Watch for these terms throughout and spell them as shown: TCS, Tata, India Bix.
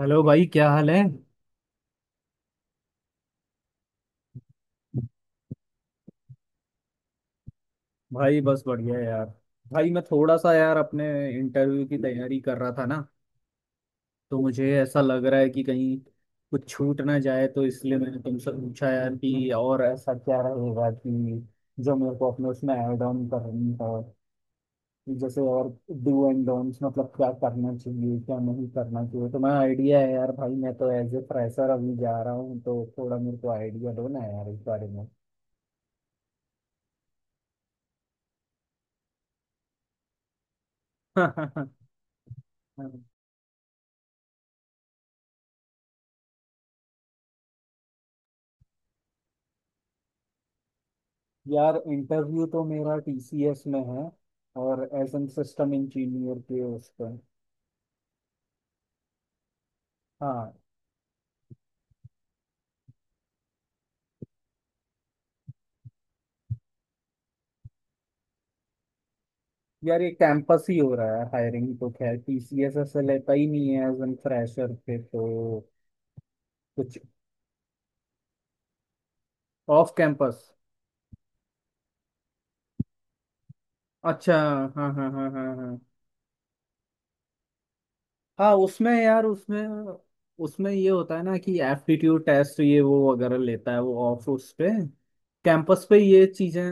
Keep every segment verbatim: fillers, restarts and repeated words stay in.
Hello भाई, क्या हाल है। भाई, बस बढ़िया है यार। भाई, मैं थोड़ा सा यार अपने इंटरव्यू की तैयारी कर रहा था ना, तो मुझे ऐसा लग रहा है कि कहीं कुछ छूट ना जाए, तो इसलिए मैंने तुमसे पूछा यार कि और ऐसा क्या रहेगा कि जो मेरे को अपने उसमें ऐड ऑन करनी है, जैसे और डू एंड डोंट्स, मतलब क्या करना चाहिए क्या नहीं करना चाहिए, तो मैं आइडिया है यार। भाई, मैं तो एज ए फ्रेशर अभी जा रहा हूँ, तो थोड़ा मेरे को आइडिया दो ना यार इस बारे में। यार, इंटरव्यू तो मेरा टीसीएस में है, और एज एन सिस्टम इंजीनियर के उस पर। हाँ। यार, ये कैंपस ही हो रहा है हायरिंग, तो खैर टीसीएस ऐसे लेता ही नहीं है एज एन फ्रेशर पे, तो कुछ ऑफ कैंपस। अच्छा। हाँ हाँ हाँ हाँ हाँ हाँ। उसमें यार, उसमें उसमें ये होता है ना कि एप्टीट्यूड टेस्ट ये वो वगैरह लेता है, वो ऑफ उस पे, कैंपस पे ये चीजें।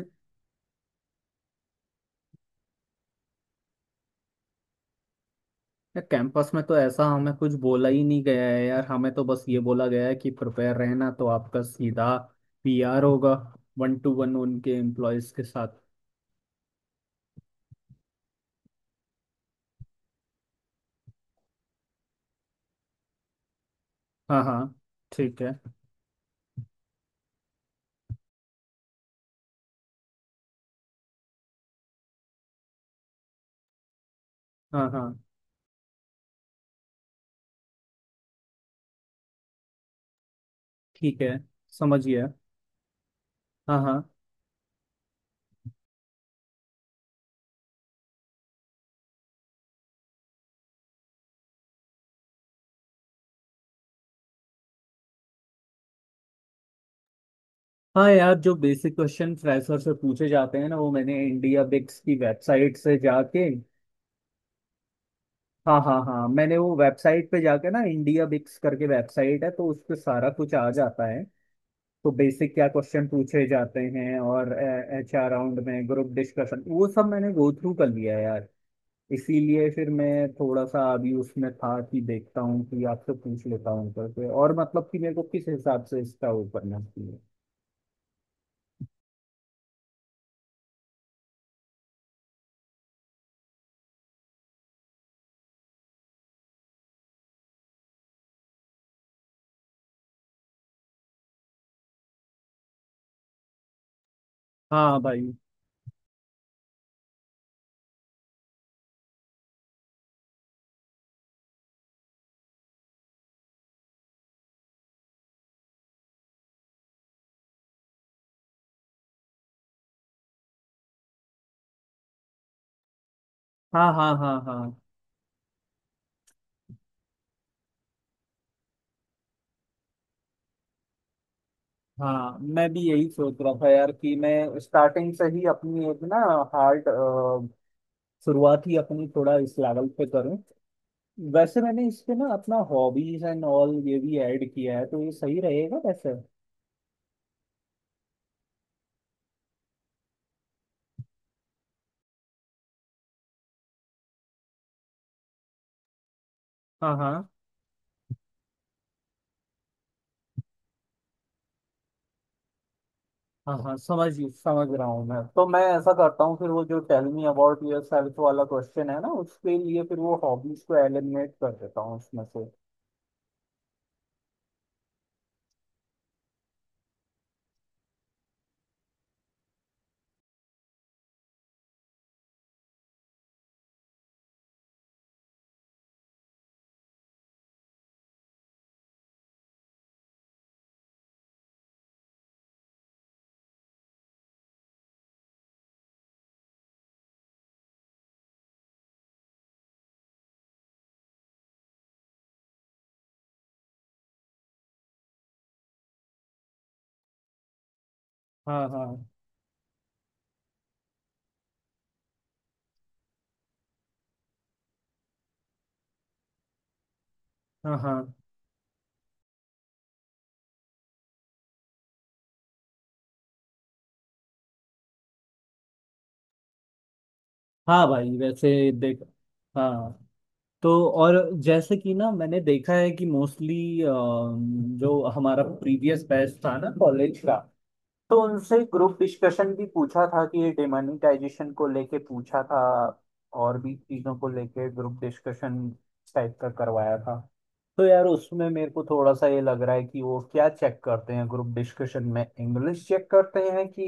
यार, कैंपस में तो ऐसा हमें कुछ बोला ही नहीं गया है, यार हमें तो बस ये बोला गया है कि प्रिपेयर रहना, तो आपका सीधा पीआर होगा, वन टू वन उनके एम्प्लॉयज के साथ। हाँ हाँ। ठीक है। हाँ हाँ, ठीक है। समझिए। हाँ हाँ हाँ। यार, जो बेसिक क्वेश्चन फ्रेशर से पूछे जाते हैं ना, वो मैंने इंडिया बिक्स की वेबसाइट से जाके। हाँ हाँ हाँ, मैंने वो वेबसाइट पे जाके ना, इंडिया बिक्स करके वेबसाइट है, तो उस पे सारा कुछ आ जाता है, तो बेसिक क्या क्वेश्चन पूछे जाते हैं और एच आर राउंड में ग्रुप डिस्कशन वो सब मैंने गो थ्रू कर लिया है यार। इसीलिए फिर मैं थोड़ा सा अभी उसमें था कि देखता हूँ कि आपसे पूछ लेता हूँ करके, और मतलब कि मेरे को किस हिसाब से इसका वो करना चाहिए। हाँ भाई। हाँ हाँ हाँ हाँ हाँ। मैं भी यही सोच रहा था यार कि मैं स्टार्टिंग से ही अपनी एक ना हार्ड शुरुआत ही अपनी थोड़ा इस लेवल पे करूँ। वैसे मैंने इस पे ना अपना हॉबीज एंड ऑल ये भी ऐड किया है, तो ये सही रहेगा वैसे। हाँ हाँ हाँ हाँ, समझ समझ रहा हूँ मैं, तो मैं ऐसा करता हूँ फिर वो, जो tell me about yourself वाला क्वेश्चन है ना, उसके लिए फिर वो हॉबीज को एलिमिनेट कर देता हूँ उसमें से। हाँ हाँ हाँ हाँ हाँ भाई, वैसे देख। हाँ, तो और जैसे कि ना, मैंने देखा है कि मोस्टली जो हमारा प्रीवियस बैच था ना कॉलेज का, तो उनसे ग्रुप डिस्कशन भी पूछा था कि ये डिमोनिटाइजेशन को लेके पूछा था, और भी चीज़ों को लेके ग्रुप डिस्कशन टाइप का करवाया था। तो यार उसमें मेरे को थोड़ा सा ये लग रहा है कि वो क्या चेक करते हैं ग्रुप डिस्कशन में, इंग्लिश चेक करते हैं कि।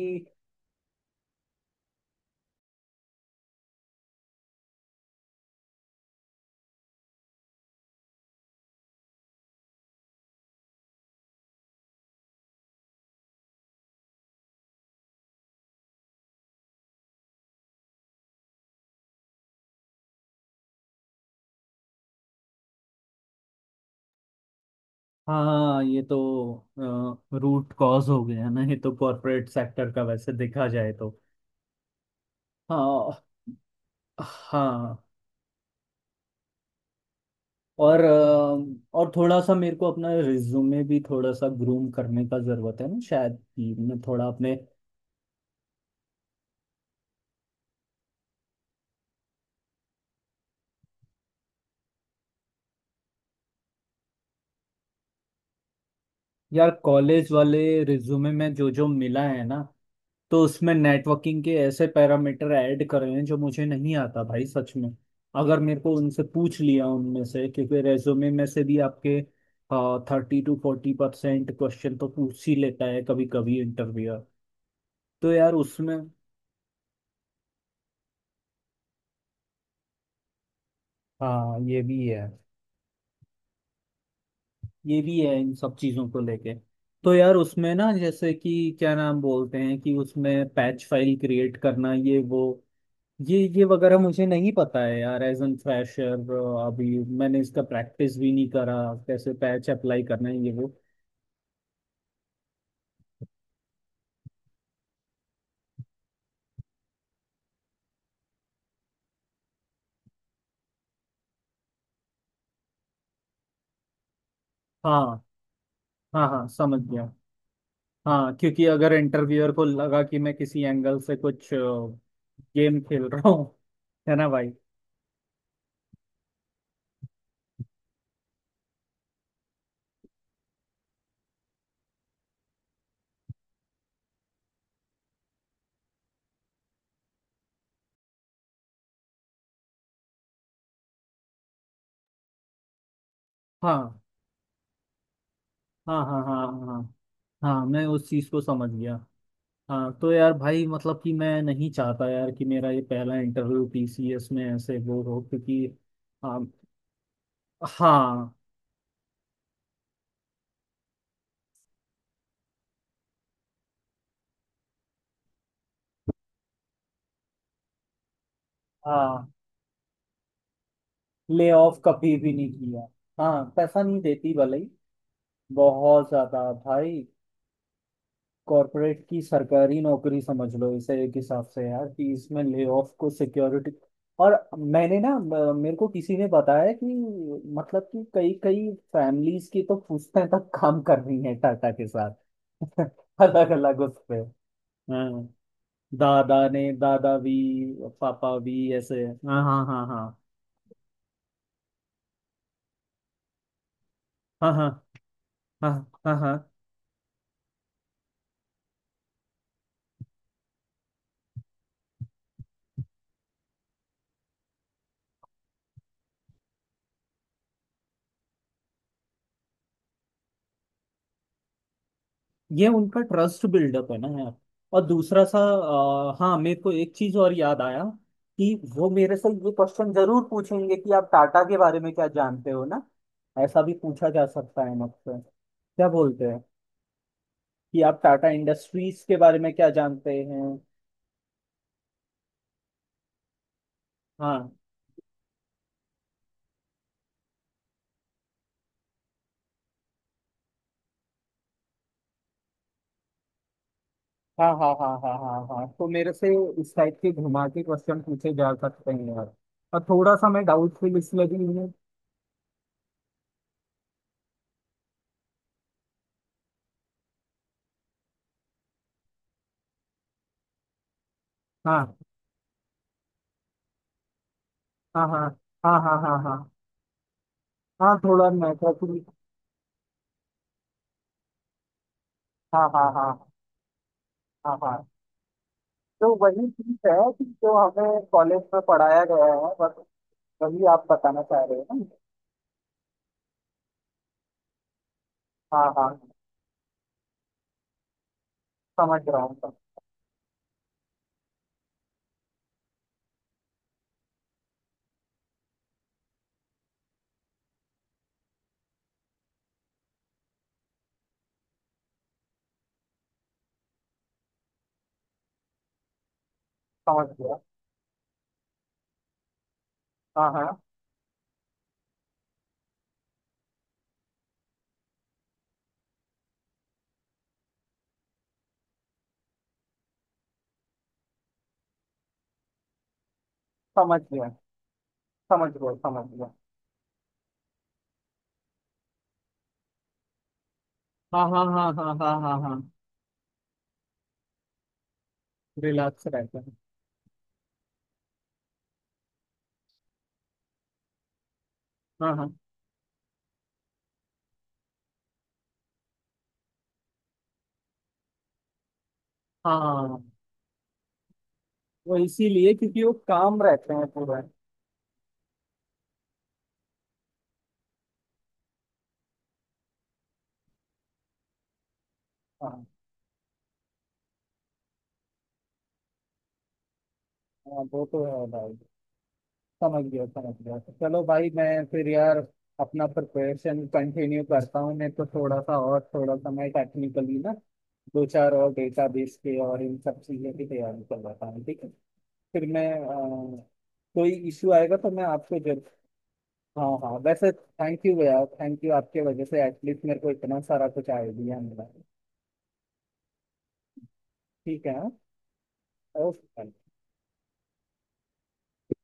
हाँ, ये तो रूट कॉज हो गया ना, ये तो कॉरपोरेट सेक्टर का वैसे देखा जाए तो। हाँ हाँ। और अ, और थोड़ा सा मेरे को अपना रिज्यूमे भी थोड़ा सा ग्रूम करने का जरूरत है ना, शायद कि मैं थोड़ा अपने। यार, कॉलेज वाले रिज्यूमे में जो जो मिला है ना, तो उसमें नेटवर्किंग के ऐसे पैरामीटर ऐड कर रहे हैं जो मुझे नहीं आता भाई सच में। अगर मेरे को उनसे पूछ लिया उनमें से, क्योंकि रेज्यूमे में से भी आपके thirty to forty percent question तो पूछ ही लेता है कभी कभी इंटरव्यूअर, तो यार उसमें। हाँ, ये भी है, ये भी है, इन सब चीजों को लेके। तो यार उसमें ना, जैसे कि क्या नाम बोलते हैं कि उसमें पैच फाइल क्रिएट करना ये वो, ये ये वगैरह मुझे नहीं पता है यार, एज एन फ्रेशर। अभी मैंने इसका प्रैक्टिस भी नहीं करा, कैसे पैच अप्लाई करना है ये वो। हाँ हाँ हाँ, समझ गया। हाँ, क्योंकि अगर इंटरव्यूअर को लगा कि मैं किसी एंगल से कुछ गेम खेल रहा हूँ, है ना भाई। हाँ हाँ हाँ हाँ हाँ हाँ हाँ, मैं उस चीज को समझ गया। हाँ, तो यार भाई, मतलब कि मैं नहीं चाहता यार कि मेरा ये पहला इंटरव्यू पीसीएस में ऐसे वो हो, क्योंकि। हाँ हाँ हाँ, ले ऑफ कभी भी नहीं किया। हाँ, पैसा नहीं देती भले ही, बहुत ज्यादा भाई। कॉर्पोरेट की सरकारी नौकरी समझ लो इसे एक हिसाब से यार, कि इसमें ले ऑफ को सिक्योरिटी। और मैंने ना, म- मेरे को किसी ने बताया कि मतलब कि कई कई फैमिलीज की तो पुश्तें तक काम कर रही हैं टाटा के साथ। अलग अलग उस पे। हाँ। दादा ने, दादा भी, पापा भी ऐसे। हाँ हाँ हाँ हाँ हाँ हाँ हाँ हाँ हाँ। ये उनका ट्रस्ट बिल्डअप है ना यार। और दूसरा सा, अ, हाँ, मेरे को एक चीज और याद आया कि वो मेरे से ये क्वेश्चन जरूर पूछेंगे कि आप टाटा के बारे में क्या जानते हो ना। ऐसा भी पूछा जा सकता है मुझसे, क्या बोलते हैं कि आप टाटा इंडस्ट्रीज के बारे में क्या जानते हैं। हाँ हाँ हाँ हाँ हाँ हाँ हाँ, तो मेरे से इस टाइप के घुमा के क्वेश्चन पूछे जा सकते हैं यार। और थोड़ा सा मैं डाउटफुल इसलिए भी हूँ। हाँ हाँ हाँ हाँ हाँ हाँ हाँ हाँ, थोड़ा मैथफुल। हाँ हाँ हाँ हाँ हाँ, तो वही चीज है कि जो हमें कॉलेज में पढ़ाया गया है बस, वही आप बताना चाह रहे हो ना। हाँ हाँ, समझ रहा हूँ, सम- समझ गया। हाँ हाँ, समझ गया, समझ गया, समझ गया। हाँ हाँ हाँ हाँ हाँ हाँ हाँ, रिलैक्स रहते हैं। हाँ हाँ हाँ, वो इसीलिए क्योंकि वो काम रहते हैं पूरा। हाँ हाँ, वो तो है भाई। समझ गया, समझ गया, तो चलो भाई, मैं फिर यार अपना प्रिपरेशन कंटिन्यू करता हूँ, मैं तो थोड़ा सा, और थोड़ा सा मैं टेक्निकली ना दो चार और डेटाबेस के और इन सब चीज़ों की तैयारी कर रहा हूँ, ठीक है। फिर मैं, अ, कोई इशू आएगा तो मैं आपको जब। हाँ हाँ, वैसे थैंक यू यार, थैंक यू, आपके वजह से एटलीस्ट मेरे को इतना सारा कुछ आइडिया मिला। ठीक है, हाँ? ओके।